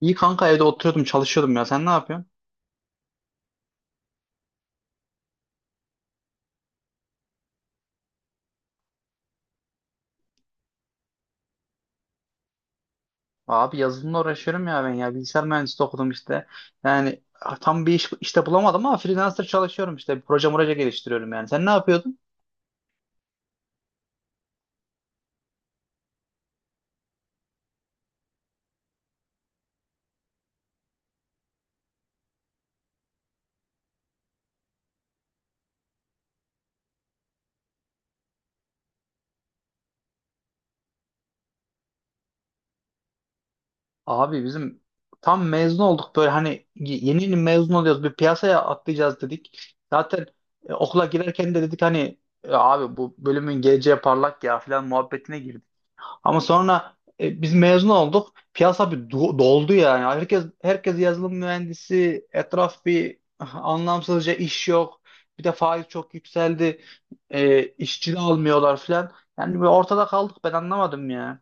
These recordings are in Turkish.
İyi kanka evde oturuyordum çalışıyordum ya sen ne yapıyorsun? Abi yazılımla uğraşıyorum ya ben ya bilgisayar mühendisliği okudum işte. Yani tam bir iş işte bulamadım ama freelancer çalışıyorum işte proje proje geliştiriyorum yani. Sen ne yapıyordun? Abi bizim tam mezun olduk böyle hani yeni yeni mezun oluyoruz bir piyasaya atlayacağız dedik. Zaten okula girerken de dedik hani "E, abi bu bölümün geleceği parlak ya filan muhabbetine. Ama sonra biz mezun olduk. Piyasa bir doldu yani. Herkes yazılım mühendisi. Etraf bir anlamsızca iş yok. Bir de faiz çok yükseldi. İşçi de almıyorlar filan. Yani bir ortada kaldık. Ben anlamadım ya.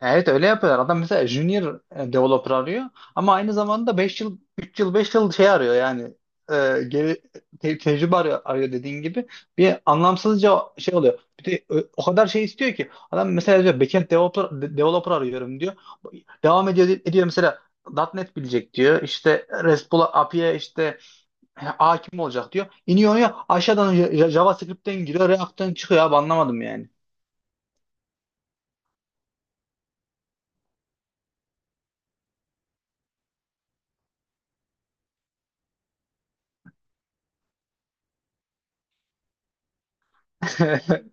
Ya, evet öyle yapıyorlar. Adam mesela junior developer arıyor ama aynı zamanda 5 yıl 3 yıl 5 yıl şey arıyor yani, e, geri tecrübe arıyor dediğin gibi bir anlamsızca şey oluyor. Bir de o kadar şey istiyor ki adam mesela diyor backend developer, developer arıyorum diyor. Devam ediyor mesela .nokta .NET bilecek diyor. İşte RESTful API'ye işte hakim olacak diyor. İniyor ya aşağıdan JavaScript'ten giriyor, React'ten çıkıyor abi anlamadım yani.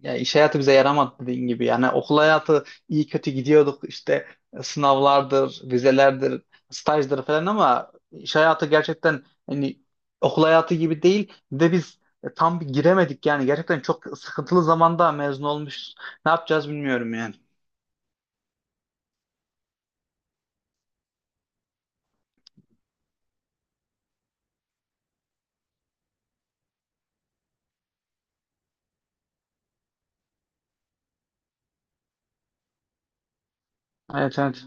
Ya iş hayatı bize yaramadı dediğin gibi. Yani okul hayatı iyi kötü gidiyorduk işte, sınavlardır, vizelerdir, stajdır falan, ama iş hayatı gerçekten hani okul hayatı gibi değil. Bir de biz tam bir giremedik yani, gerçekten çok sıkıntılı zamanda mezun olmuş. Ne yapacağız bilmiyorum yani. Evet, evet.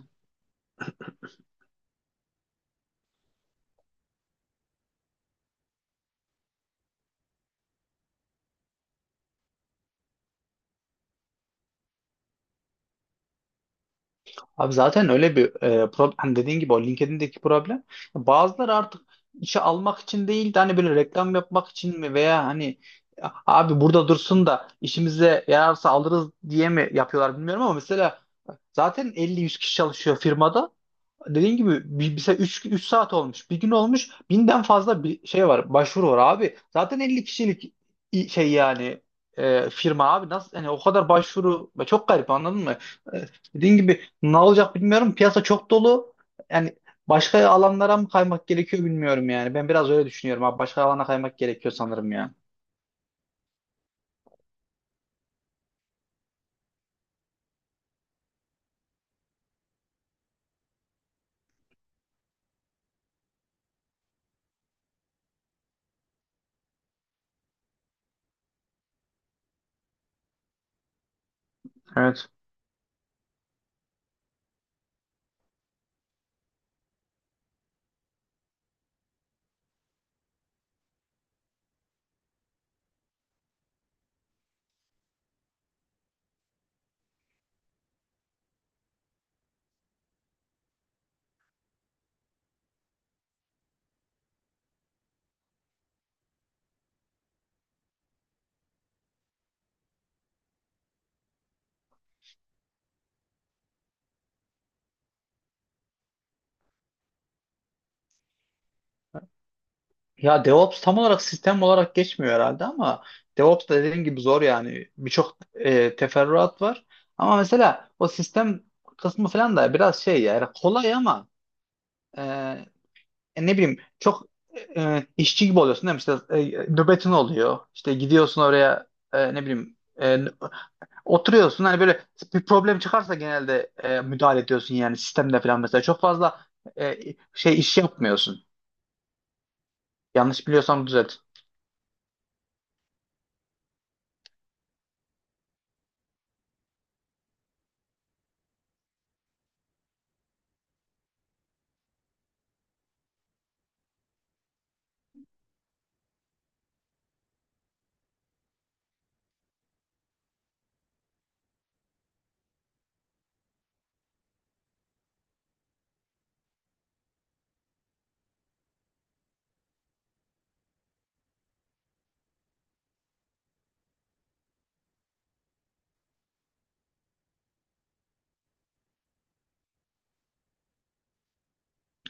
Abi zaten öyle bir problem hani, dediğin gibi, o LinkedIn'deki problem bazıları artık işe almak için değil de hani böyle reklam yapmak için mi, veya hani "A- abi burada dursun da işimize yararsa alırız" diye mi yapıyorlar bilmiyorum ama mesela zaten 50-100 kişi çalışıyor firmada, dediğin gibi bir, mesela 3 saat olmuş. Bir gün olmuş. 1000'den fazla bir şey var. Başvuru var abi. Zaten 50 kişilik şey yani, firma abi, nasıl hani o kadar başvuru, çok garip, anladın mı? E, dediğin gibi ne olacak bilmiyorum. Piyasa çok dolu. Yani başka alanlara mı kaymak gerekiyor bilmiyorum yani. Ben biraz öyle düşünüyorum abi. Başka alana kaymak gerekiyor sanırım ya. Evet. Ya DevOps tam olarak sistem olarak geçmiyor herhalde ama DevOps da dediğin gibi zor yani. Birçok teferruat var. Ama mesela o sistem kısmı falan da biraz şey ya, yani kolay, ama e, e, ne bileyim çok işçi gibi oluyorsun değil mi? İşte nöbetin oluyor. İşte gidiyorsun oraya, ne bileyim, e, oturuyorsun. Hani böyle bir problem çıkarsa genelde müdahale ediyorsun yani sistemde falan mesela. Çok fazla e, şey iş yapmıyorsun. Yanlış biliyorsam düzelt.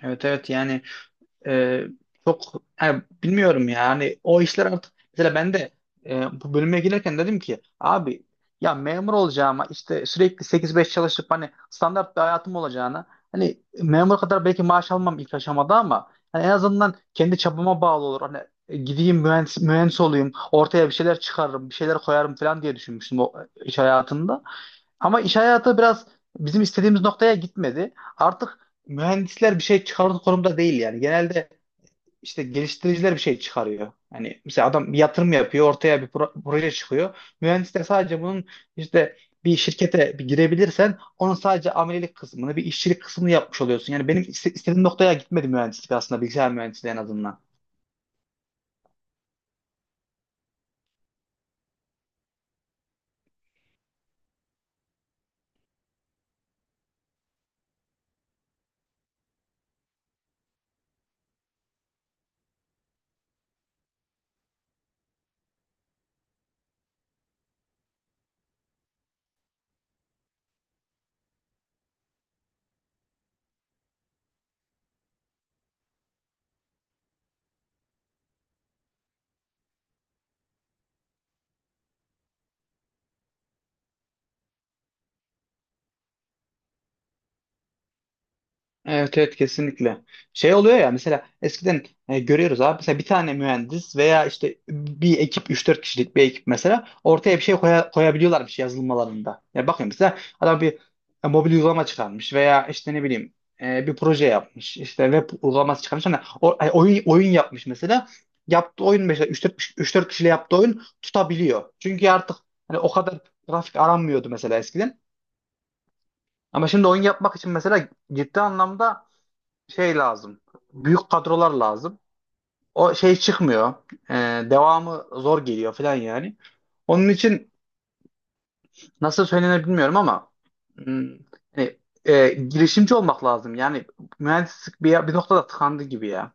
Evet, evet yani. Ee, çok yani bilmiyorum ya. Hani o işler artık, mesela ben de bu bölüme girerken dedim ki abi, ya memur olacağıma, işte sürekli 8-5 çalışıp hani standart bir hayatım olacağına, hani memur kadar belki maaş almam ilk aşamada, ama hani en azından kendi çabama bağlı olur. Hani gideyim mühendis, olayım, ortaya bir şeyler çıkarırım bir şeyler koyarım falan diye düşünmüştüm o iş hayatında. Ama iş hayatı biraz bizim istediğimiz noktaya gitmedi. Artık mühendisler bir şey çıkarır konumda değil yani. Genelde işte geliştiriciler bir şey çıkarıyor. Yani mesela adam bir yatırım yapıyor, ortaya bir proje çıkıyor. Mühendis de sadece bunun işte, bir şirkete bir girebilirsen, onun sadece amelilik kısmını, bir işçilik kısmını yapmış oluyorsun. Yani benim istediğim noktaya gitmedi mühendislik, aslında bilgisayar mühendisliği en azından. Evet, evet, kesinlikle. Şey oluyor ya, mesela eskiden görüyoruz abi, mesela bir tane mühendis veya işte bir ekip, 3-4 kişilik bir ekip mesela, ortaya bir şey koyabiliyorlarmış yazılımlarında. Ya bakıyorum mesela adam bir mobil uygulama çıkarmış, veya işte ne bileyim, bir proje yapmış, işte web uygulaması çıkarmış, hani oyun oyun yapmış mesela. Yaptığı oyun mesela 3-4 kişiyle yaptığı oyun tutabiliyor. Çünkü artık hani o kadar grafik aranmıyordu mesela eskiden. Ama şimdi oyun yapmak için mesela ciddi anlamda şey lazım. Büyük kadrolar lazım. O şey çıkmıyor. Ee, devamı zor geliyor falan yani. Onun için nasıl söylenir bilmiyorum ama, hmm, hani, girişimci olmak lazım. Yani mühendislik bir noktada tıkandı gibi ya.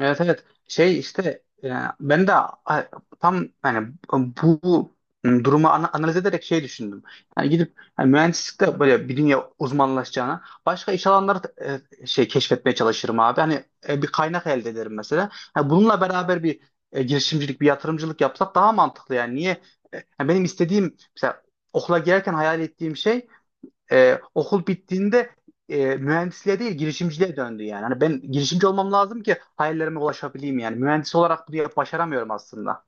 Evet, evet, şey işte, ben de tam yani bu durumu analiz ederek şey düşündüm. Yani gidip, yani mühendislikte böyle bir dünya uzmanlaşacağına başka iş alanları da, şey keşfetmeye çalışırım abi. Hani bir kaynak elde ederim mesela. Ha, bununla beraber bir girişimcilik, bir yatırımcılık yapsak daha mantıklı yani. Niye? Yani benim istediğim, mesela okula girerken hayal ettiğim şey, okul bittiğinde mühendisliğe değil girişimciliğe döndü yani. Hani ben girişimci olmam lazım ki hayallerime ulaşabileyim yani. Mühendis olarak bunu başaramıyorum aslında.